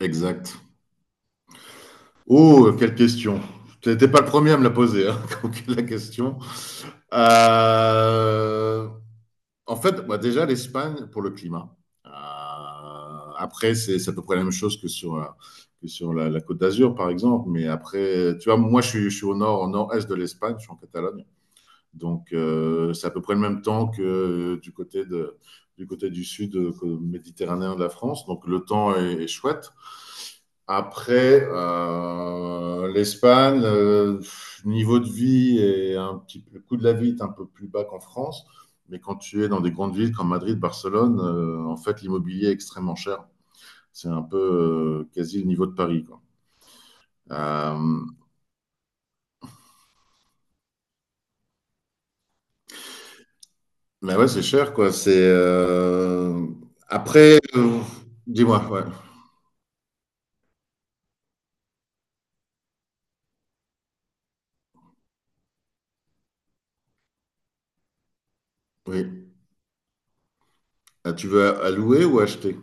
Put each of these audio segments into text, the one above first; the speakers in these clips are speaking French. Exact. Oh, quelle question. Tu n'étais pas le premier à me la poser, hein, donc, la question. Euh, déjà, l'Espagne pour le climat. Euh, après, c'est à peu près la même chose que sur, que sur la Côte d'Azur, par exemple. Mais après, tu vois, je suis au nord, au nord-est de l'Espagne, je suis en Catalogne. C'est à peu près le même temps que du côté du côté du sud méditerranéen de la France. Donc, le temps est chouette. Après, l'Espagne, niveau de vie et un petit peu, le coût de la vie est un peu plus bas qu'en France. Mais quand tu es dans des grandes villes comme Madrid, Barcelone, en fait, l'immobilier est extrêmement cher. C'est un peu quasi le niveau de Paris, quoi. Euh, mais ouais, c'est cher, quoi. Après, euh, Dis-moi, ouais. Oui. Ah, tu veux allouer ou acheter?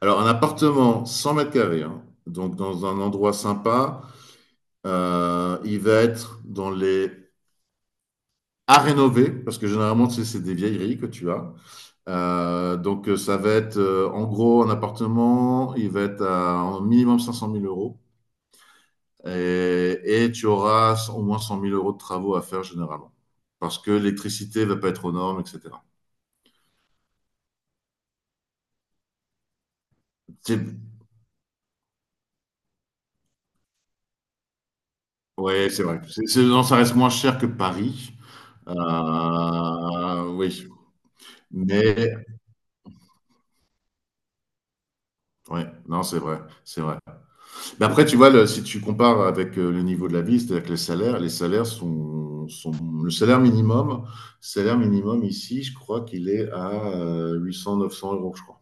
Alors, un appartement 100 mètres carrés, hein, donc dans un endroit sympa. Il va être dans les À rénover, parce que généralement, tu sais, c'est des vieilleries que tu as. Donc, ça va être en gros un appartement, il va être à un minimum cinq cent mille euros. Et tu auras au moins cent mille euros de travaux à faire généralement. Parce que l'électricité va pas être aux normes, etc. C'est- Ouais, c'est vrai. Non, ça reste moins cher que Paris. Oui. Mais, ouais, non, c'est vrai. C'est vrai. Mais après, tu vois, si tu compares avec le niveau de la vie, c'est-à-dire que les salaires sont, le salaire minimum ici, je crois qu'il est à huit cents, neuf cents euros, je crois.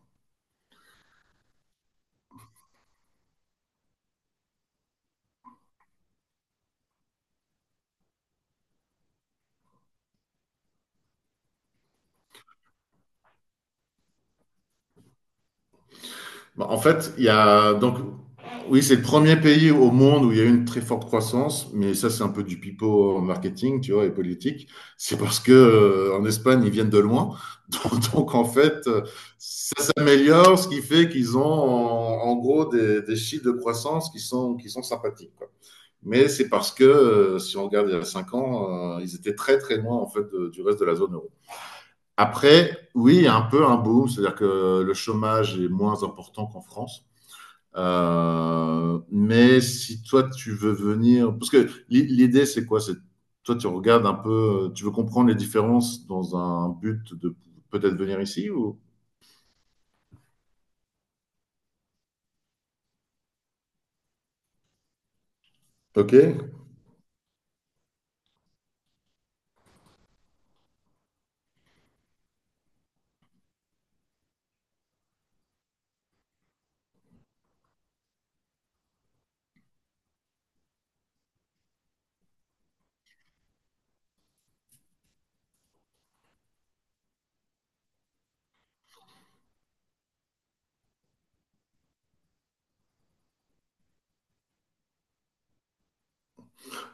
Bah, en fait, il y a donc, oui, c'est le premier pays au monde où il y a eu une très forte croissance, mais ça, c'est un peu du pipeau en marketing, tu vois, et politique. C'est parce que en Espagne, ils viennent de loin, donc, donc, en fait, euh, ça s'améliore, ce qui fait qu'ils ont en gros des chiffres de croissance qui sont sympathiques, quoi. Mais c'est parce que, si on regarde il y a 5 ans, ils étaient très très loin en fait du reste de la zone euro. Après, oui, il y a un peu un boom, c'est-à-dire que le chômage est moins important qu'en France. Mais si toi tu veux venir, parce que l'idée c'est quoi? C'est toi tu regardes un peu, tu veux comprendre les différences dans un but de peut-être venir ici ou? Ok.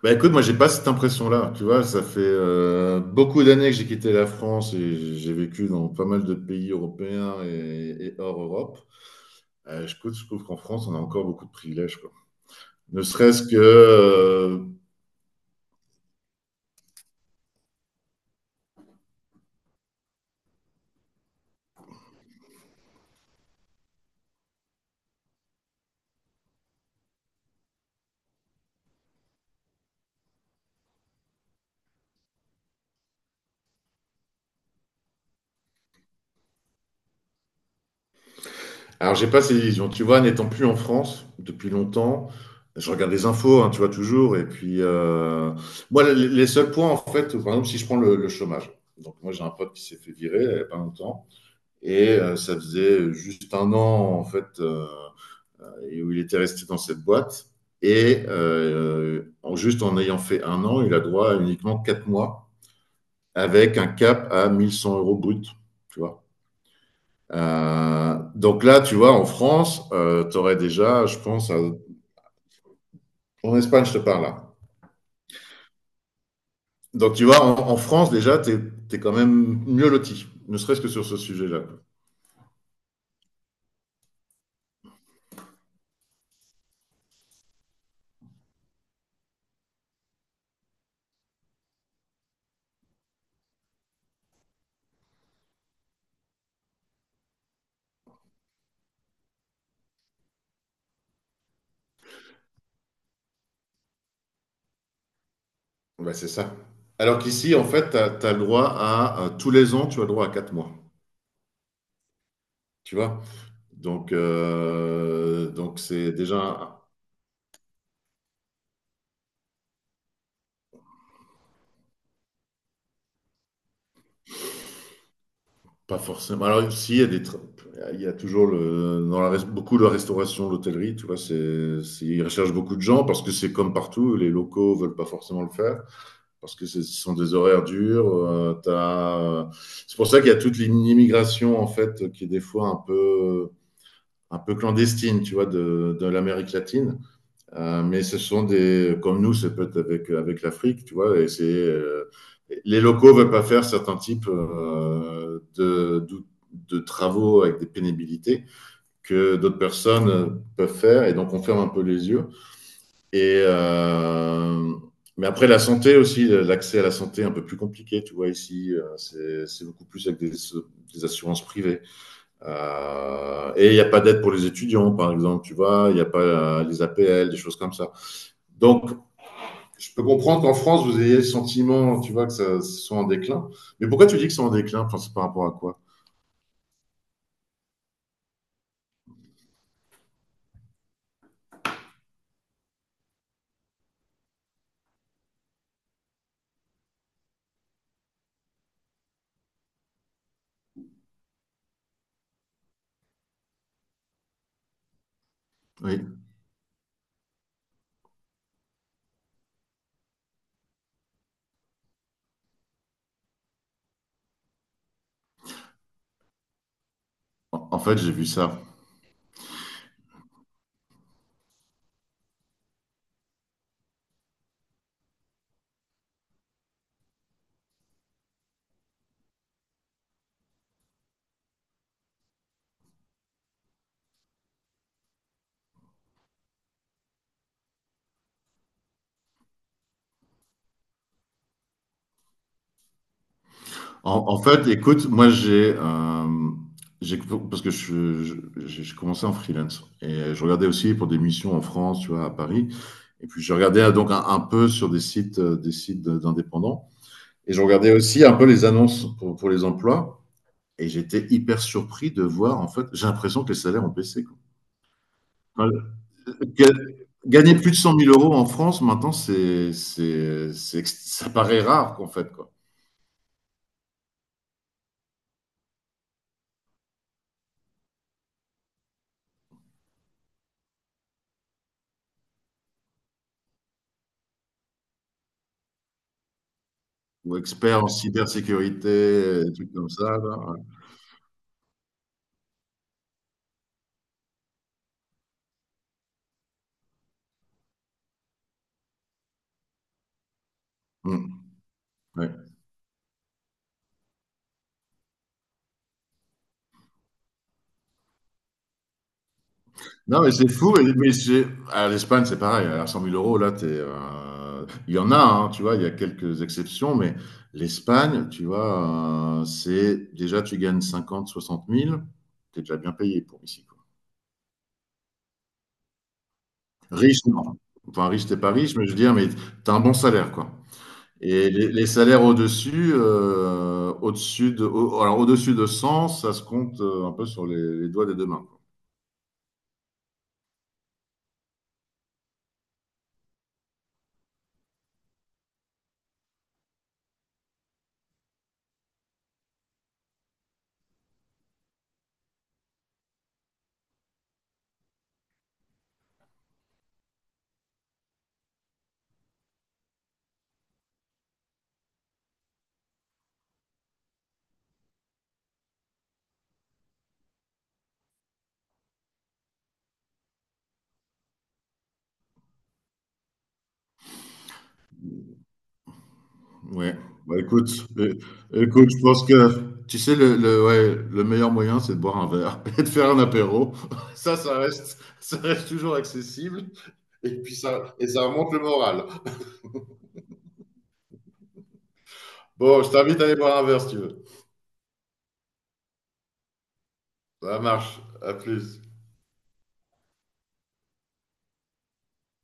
Bah écoute, moi j'ai pas cette impression-là, tu vois, ça fait beaucoup d'années que j'ai quitté la France et j'ai vécu dans pas mal de pays européens et hors Europe. Je trouve qu'en France, on a encore beaucoup de privilèges, quoi. Ne serait-ce que... Alors j'ai pas ces illusions, tu vois, n'étant plus en France depuis longtemps, je regarde les infos, hein, tu vois, toujours, moi, les seuls points, en fait, par exemple, si je prends le chômage. Donc moi j'ai un pote qui s'est fait virer il y a pas longtemps, ça faisait juste un an, et où il était resté dans cette boîte. Et en, juste en ayant fait un an, il a droit à uniquement quatre mois avec un cap à 1100 euros brut. Tu vois. Donc là, tu vois, en France, tu aurais déjà, je pense, à... en Espagne, je te parle là. Donc tu vois, en France, déjà, es, quand même mieux loti, ne serait-ce que sur ce sujet-là. Bah, c'est ça. Alors qu'ici, en fait, as le droit à, tous les ans, tu as le droit à quatre mois. Tu vois. Donc, c'est déjà... pas forcément. Alors, si, il y a toujours le, dans la, beaucoup de la restauration, l'hôtellerie, tu vois, ils recherchent beaucoup de gens parce que c'est comme partout, les locaux veulent pas forcément le faire parce que ce sont des horaires durs. C'est pour ça qu'il y a toute l'immigration, en fait, qui est des fois un peu clandestine, tu vois, de l'Amérique latine. Mais ce sont des, comme nous, c'est peut-être avec, avec l'Afrique, tu vois, et les locaux veulent pas faire certains types de de travaux avec des pénibilités que d'autres personnes peuvent faire, et donc on ferme un peu les yeux. Et, mais après, la santé aussi, l'accès à la santé est un peu plus compliqué, tu vois, ici, c'est beaucoup plus avec des assurances privées. Et il n'y a pas d'aide pour les étudiants, par exemple, tu vois, il n'y a pas les APL, des choses comme ça. Donc, je peux comprendre qu'en France, vous ayez le sentiment, tu vois, que ça soit en déclin. Mais pourquoi tu dis que c'est en déclin? Enfin, c'est par rapport à quoi? Oui. En fait, j'ai vu ça. En fait, écoute, moi, j'ai- parce que je, j'ai commencé en freelance et je regardais aussi pour des missions en France, tu vois, à Paris. Et puis, je regardais donc un peu sur des sites d'indépendants. Et je regardais aussi un peu les annonces pour les emplois. Et j'étais hyper surpris de voir, en fait, j'ai l'impression que les salaires ont baissé, quoi. Gagner plus de cent mille euros en France, maintenant, ça paraît rare, quoi, en fait, quoi. Ou expert en cybersécurité, des trucs comme ça, là. Ouais. Mm, ouais. Non, mais c'est fou. À l'Espagne, c'est pareil. À cent mille euros, là, il y en a, hein, tu vois, il y a quelques exceptions, mais l'Espagne, tu vois, c'est déjà, tu gagnes cinquante, soixante mille. T'es déjà bien payé pour ici, quoi. Riche, non. Enfin, riche, t'es pas riche, mais je veux dire, mais t'as un bon salaire, quoi. Et les salaires au-dessus, alors au-dessus de 100, ça se compte un peu sur les doigts des deux mains, quoi. Ouais. Bah, écoute, euh, écoute, je pense que tu sais ouais, le meilleur moyen, c'est de boire un verre et de faire un apéro. Ça reste toujours accessible et puis ça remonte le moral. Bon, je t'invite à aller boire un verre si tu veux. Ça marche. À plus.